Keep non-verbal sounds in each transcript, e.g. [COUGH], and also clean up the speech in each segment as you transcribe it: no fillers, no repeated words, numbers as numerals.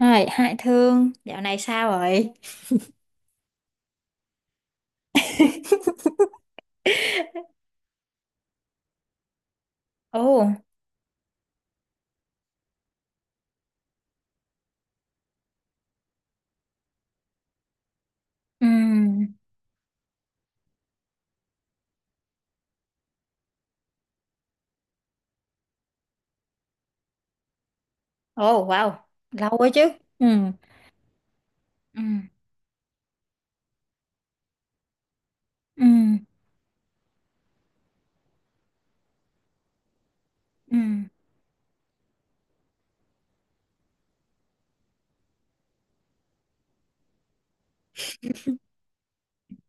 Hai Thương, dạo này sao rồi? [LAUGHS] Ồ. Ừm. Ồ, wow, lâu quá chứ. Ừm. Ừm. Ừm.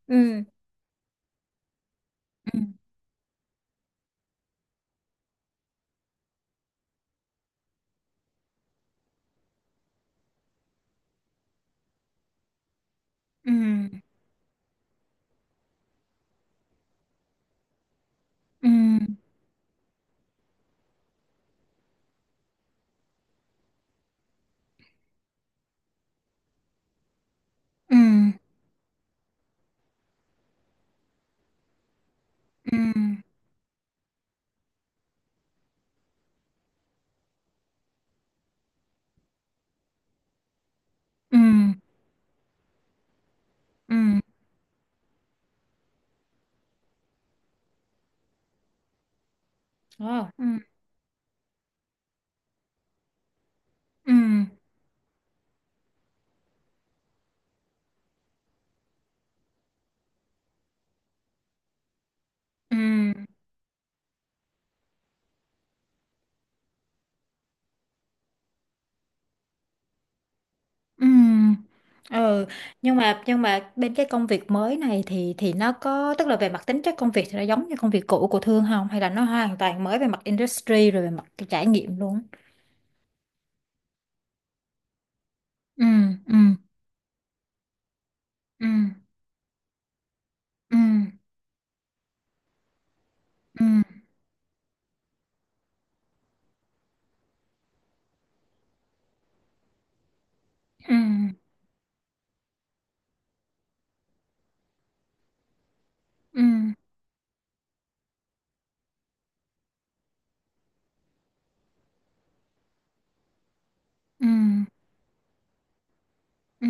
Ừm. Ừm. Ừm. Ừm. Ừm. Ừm. Ừm. Ừm. Ừm. Wow. Ừm. Ừm. Ừm. Ừ. Ừ, nhưng mà bên cái công việc mới này thì nó có, tức là về mặt tính chất công việc thì nó giống như công việc cũ của Thương không, hay là nó hoàn toàn mới về mặt industry rồi về mặt cái trải nghiệm luôn? Ừ. Ừ. Ừ. Ừ. Ừ. Ừ. Ừ. Ừ. Ừ.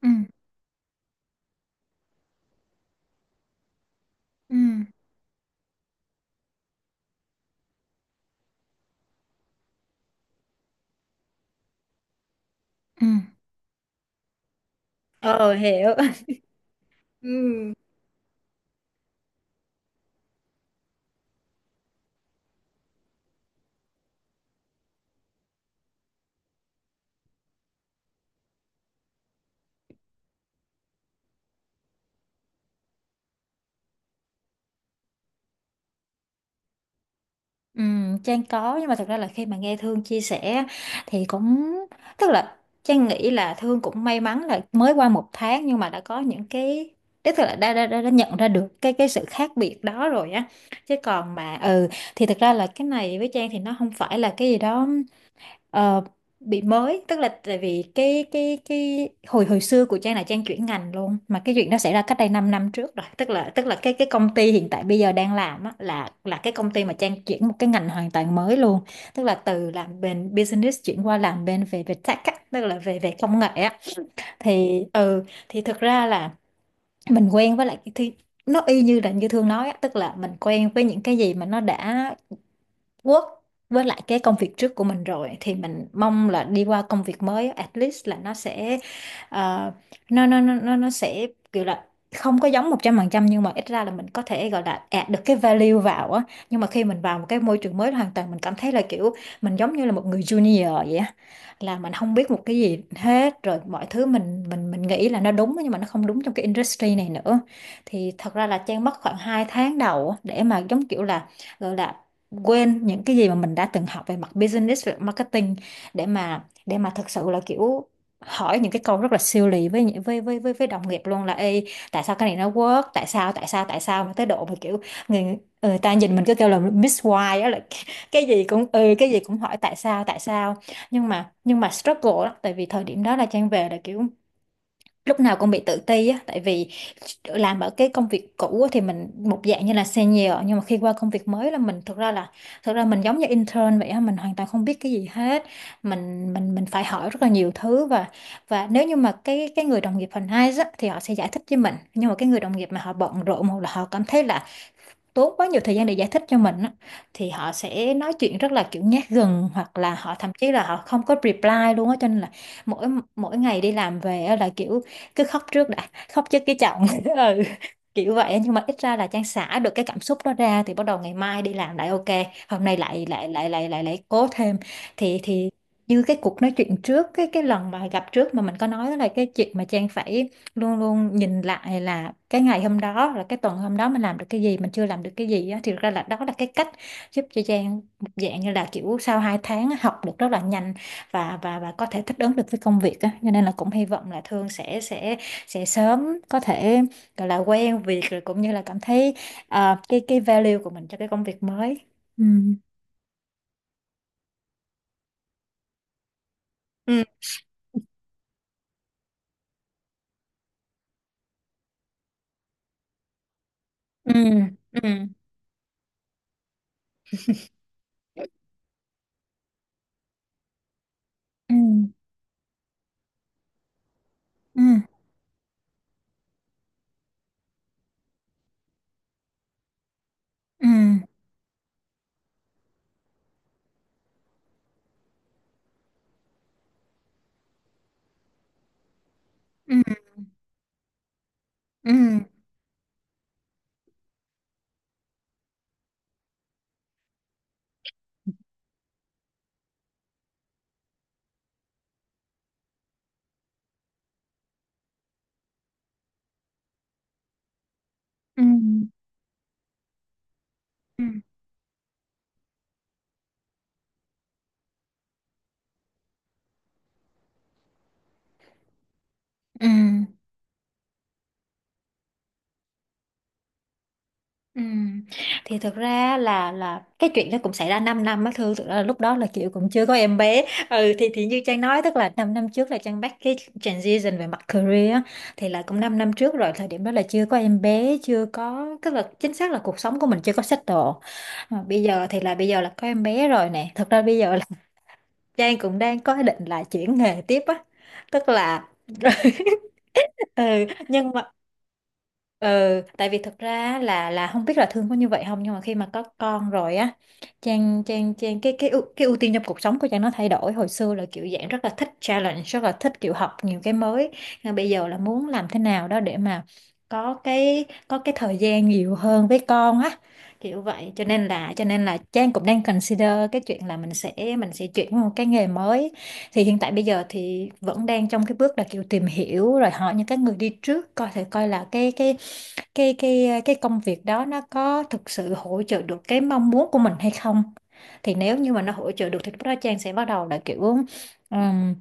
Ừ. Ừ. Ừ. Ừ. Ờ, hiểu. [LAUGHS] Ừ. Ừ, Trang có, nhưng mà thật ra là khi mà nghe Thương chia sẻ á, thì cũng tức là Trang nghĩ là Thương cũng may mắn là mới qua 1 tháng nhưng mà đã có những cái, tức là đã nhận ra được cái sự khác biệt đó rồi á, chứ còn mà ừ, thì thật ra là cái này với Trang thì nó không phải là cái gì đó ờ, bị mới. Tức là tại vì cái hồi hồi xưa của Trang là Trang chuyển ngành luôn, mà cái chuyện đó xảy ra cách đây 5 năm trước rồi. Tức là cái công ty hiện tại bây giờ đang làm á, là cái công ty mà Trang chuyển một cái ngành hoàn toàn mới luôn, tức là từ làm bên business chuyển qua làm bên về về tech á, tức là về về công nghệ á. Thì ừ, thì thực ra là mình quen với lại cái thi, nó y như là như Thương nói á, tức là mình quen với những cái gì mà nó đã work với lại cái công việc trước của mình rồi, thì mình mong là đi qua công việc mới á, at least là nó sẽ ờ, nó sẽ kiểu là không có giống 100%, nhưng mà ít ra là mình có thể gọi là add được cái value vào á. Nhưng mà khi mình vào một cái môi trường mới hoàn toàn, mình cảm thấy là kiểu mình giống như là một người junior vậy á, là mình không biết một cái gì hết, rồi mọi thứ mình nghĩ là nó đúng nhưng mà nó không đúng trong cái industry này nữa. Thì thật ra là Trang mất khoảng 2 tháng đầu á, để mà giống kiểu là gọi là quên những cái gì mà mình đã từng học về mặt business, về marketing, để mà thực sự là kiểu hỏi những cái câu rất là siêu lì với với đồng nghiệp luôn là Ê, tại sao cái này nó work, tại sao mà tới độ mà kiểu người người ta nhìn mình cứ kêu là Miss Why á, là [LAUGHS] cái gì cũng ừ, cái gì cũng hỏi tại sao, tại sao. Nhưng mà struggle đó, tại vì thời điểm đó là Trang về là kiểu lúc nào cũng bị tự ti á, tại vì làm ở cái công việc cũ á thì mình một dạng như là senior, nhưng mà khi qua công việc mới là mình thực ra là thực ra mình giống như intern vậy á, mình hoàn toàn không biết cái gì hết. Mình phải hỏi rất là nhiều thứ, và nếu như mà cái người đồng nghiệp phần hai á, thì họ sẽ giải thích với mình, nhưng mà cái người đồng nghiệp mà họ bận rộn, hoặc là họ cảm thấy là tốn quá nhiều thời gian để giải thích cho mình á, thì họ sẽ nói chuyện rất là kiểu nhát gừng, hoặc là họ thậm chí là họ không có reply luôn á, cho nên là mỗi mỗi ngày đi làm về á là kiểu cứ khóc trước, đã khóc trước cái chồng [LAUGHS] ừ, kiểu vậy á. Nhưng mà ít ra là Trang xả được cái cảm xúc đó ra, thì bắt đầu ngày mai đi làm lại ok, hôm nay lại lại lại lại lại lại cố thêm. Thì như cái cuộc nói chuyện trước, cái lần mà gặp trước mà mình có nói là cái chuyện mà Trang phải luôn luôn nhìn lại là cái ngày hôm đó, là cái tuần hôm đó mình làm được cái gì, mình chưa làm được cái gì á, thì thực ra là đó là cái cách giúp cho Trang một dạng như là kiểu sau 2 tháng á, học được rất là nhanh, và có thể thích ứng được với công việc á, cho nên là cũng hy vọng là Thương sẽ sớm có thể gọi là quen việc, rồi cũng như là cảm thấy ờ, cái value của mình cho cái công việc mới. Ừ. Ừ. Ừ. Ừ. Ừ. Ừ. Ừ. Ừ. Ừ. Ừ. Ừ. Ừ. Ừ. Ừ. Thì thực ra là cái chuyện đó cũng xảy ra 5 năm á, Thư thực ra là lúc đó là chị cũng chưa có em bé. Ừ, thì như Trang nói tức là 5 năm trước là Trang bắt cái transition về mặt career á, thì là cũng 5 năm trước rồi. Thời điểm đó là chưa có em bé, chưa có, tức là chính xác là cuộc sống của mình chưa có settle. Mà bây giờ thì là bây giờ là có em bé rồi nè, thực ra bây giờ là Trang cũng đang có ý định là chuyển nghề tiếp á, tức là [LAUGHS] ừ, nhưng mà ừ, tại vì thực ra á, là không biết là thương có như vậy không, nhưng mà khi mà có con rồi á, Trang Trang Trang cái cái ưu tiên trong cuộc sống của Trang nó thay đổi. Hồi xưa là kiểu dạng rất là thích challenge, rất là thích kiểu học nhiều cái mới, nhưng bây giờ là muốn làm thế nào đó để mà có cái thời gian nhiều hơn với con á, kiểu vậy. Cho nên là Trang cũng đang consider cái chuyện là mình sẽ chuyển qua một cái nghề mới. Thì hiện tại bây giờ thì vẫn đang trong cái bước là kiểu tìm hiểu, rồi hỏi những cái người đi trước coi thể coi là cái cái công việc đó nó có thực sự hỗ trợ được cái mong muốn của mình hay không. Thì nếu như mà nó hỗ trợ được thì lúc đó Trang sẽ bắt đầu là kiểu ừm,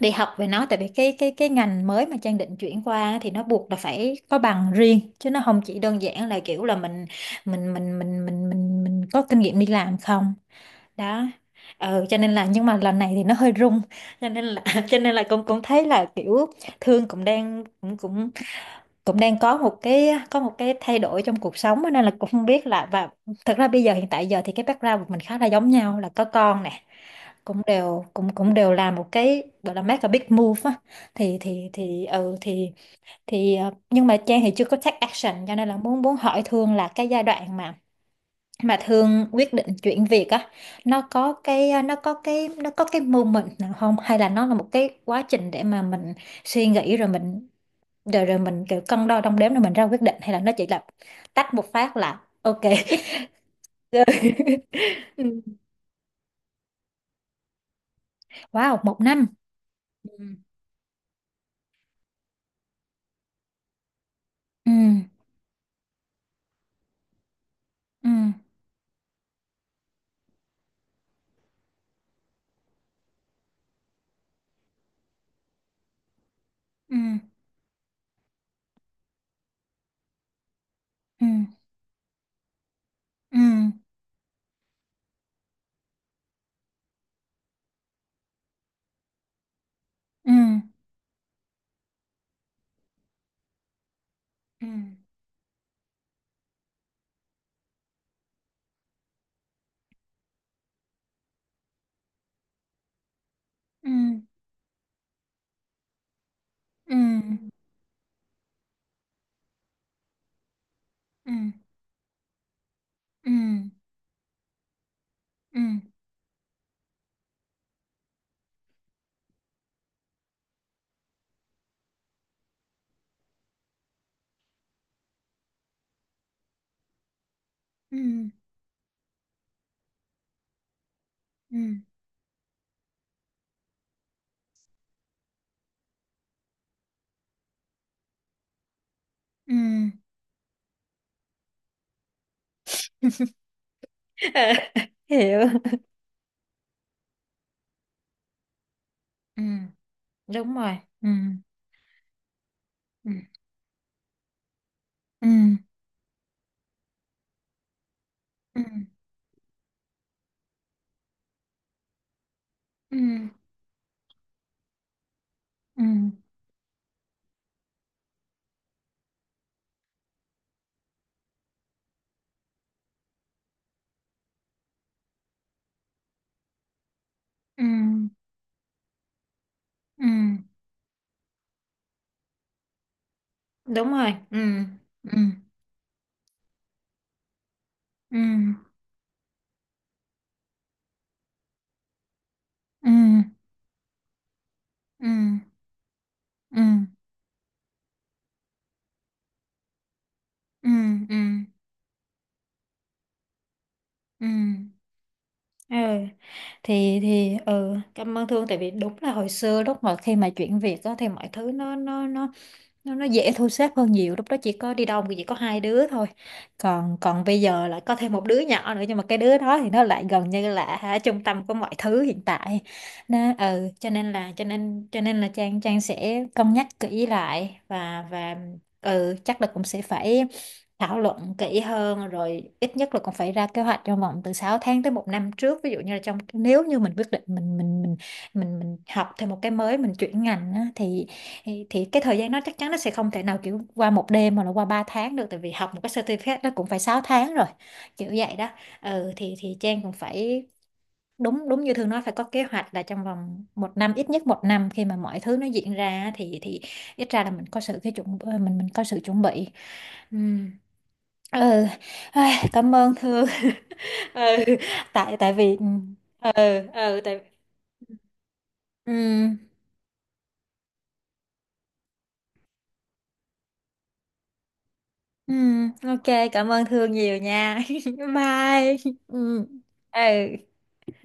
đi học về nó, tại vì cái cái ngành mới mà Trang định chuyển qua thì nó buộc là phải có bằng riêng, chứ nó không chỉ đơn giản là kiểu là mình mình có kinh nghiệm đi làm không. Đó. Ừ, cho nên là nhưng mà lần này thì nó hơi rung, cho nên là [LAUGHS] cho nên là cũng cũng thấy là kiểu Thương cũng đang cũng cũng cũng đang có một cái, có một cái thay đổi trong cuộc sống á, nên là cũng không biết là, và thật ra bây giờ hiện tại giờ thì cái background của mình khá là giống nhau, là có con nè, cũng đều làm một cái gọi là make a big move á. Thì ừ, thì ờ, nhưng mà Trang thì chưa có take action, cho nên là muốn, muốn hỏi Thương là cái giai đoạn mà thường quyết định chuyển việc á, nó có cái à, nó có cái moment nào không, hay là nó là một cái quá trình để mà mình suy nghĩ, rồi mình rồi rồi mình kiểu cân đo đong đếm, rồi mình ra quyết định, hay là nó chỉ là tách một phát là ok rồi? [LAUGHS] Ừ. Wow, một năm. Ừ. Ừ. Ừ. Ừ. Ừ. Ừ. Ừ. Ừ. Ừ. Ừ. Ừ. Ừ. Ừ. Ừ. Ừ. Ừ. [LAUGHS] Ờ, hiểu. Ừ, đúng rồi. Ừ. Ừ. Ừ. Ừ. Ừ. Ừ. Ừ. Ừ, đúng rồi. Ừ. Ừ. Ừ. Ừ. Ừ. Ừ. Ừ. Ừ. Ừ. Ừ, thì ừ, cảm ơn Thương, tại vì đúng là hồi xưa lúc mà khi mà chuyển việc á, thì mọi thứ nó dễ thu xếp hơn nhiều. Lúc đó chỉ có đi đâu thì chỉ có hai đứa thôi, còn còn bây giờ lại có thêm một đứa nhỏ nữa, nhưng mà cái đứa đó thì nó lại gần như là hả, trung tâm của mọi thứ hiện tại nó. Ừ, cho nên là Trang Trang sẽ cân nhắc kỹ lại, và ừ chắc là cũng sẽ phải thảo luận kỹ hơn, rồi ít nhất là cũng phải ra kế hoạch trong vòng từ 6 tháng tới một năm trước. Ví dụ như là trong nếu như mình quyết định mình học thêm một cái mới, mình chuyển ngành á, thì thì cái thời gian nó chắc chắn nó sẽ không thể nào kiểu qua một đêm mà là qua 3 tháng được, tại vì học một cái certificate nó cũng phải 6 tháng rồi, kiểu vậy đó. Ừ, thì Trang cũng phải, đúng đúng như Thương nói, phải có kế hoạch là trong vòng 1 năm, ít nhất 1 năm, khi mà mọi thứ nó diễn ra á, thì ít ra là mình có sự cái chuẩn ờ, mình có sự chuẩn bị. Ừ. Ừ. Ai, cảm ơn Thương. [LAUGHS] Ừ. tại tại vì ừ, ừ, tại, ừ. Ừ, ok, cảm ơn Thương nhiều nha. [LAUGHS] Bye. Ừ. Ừ.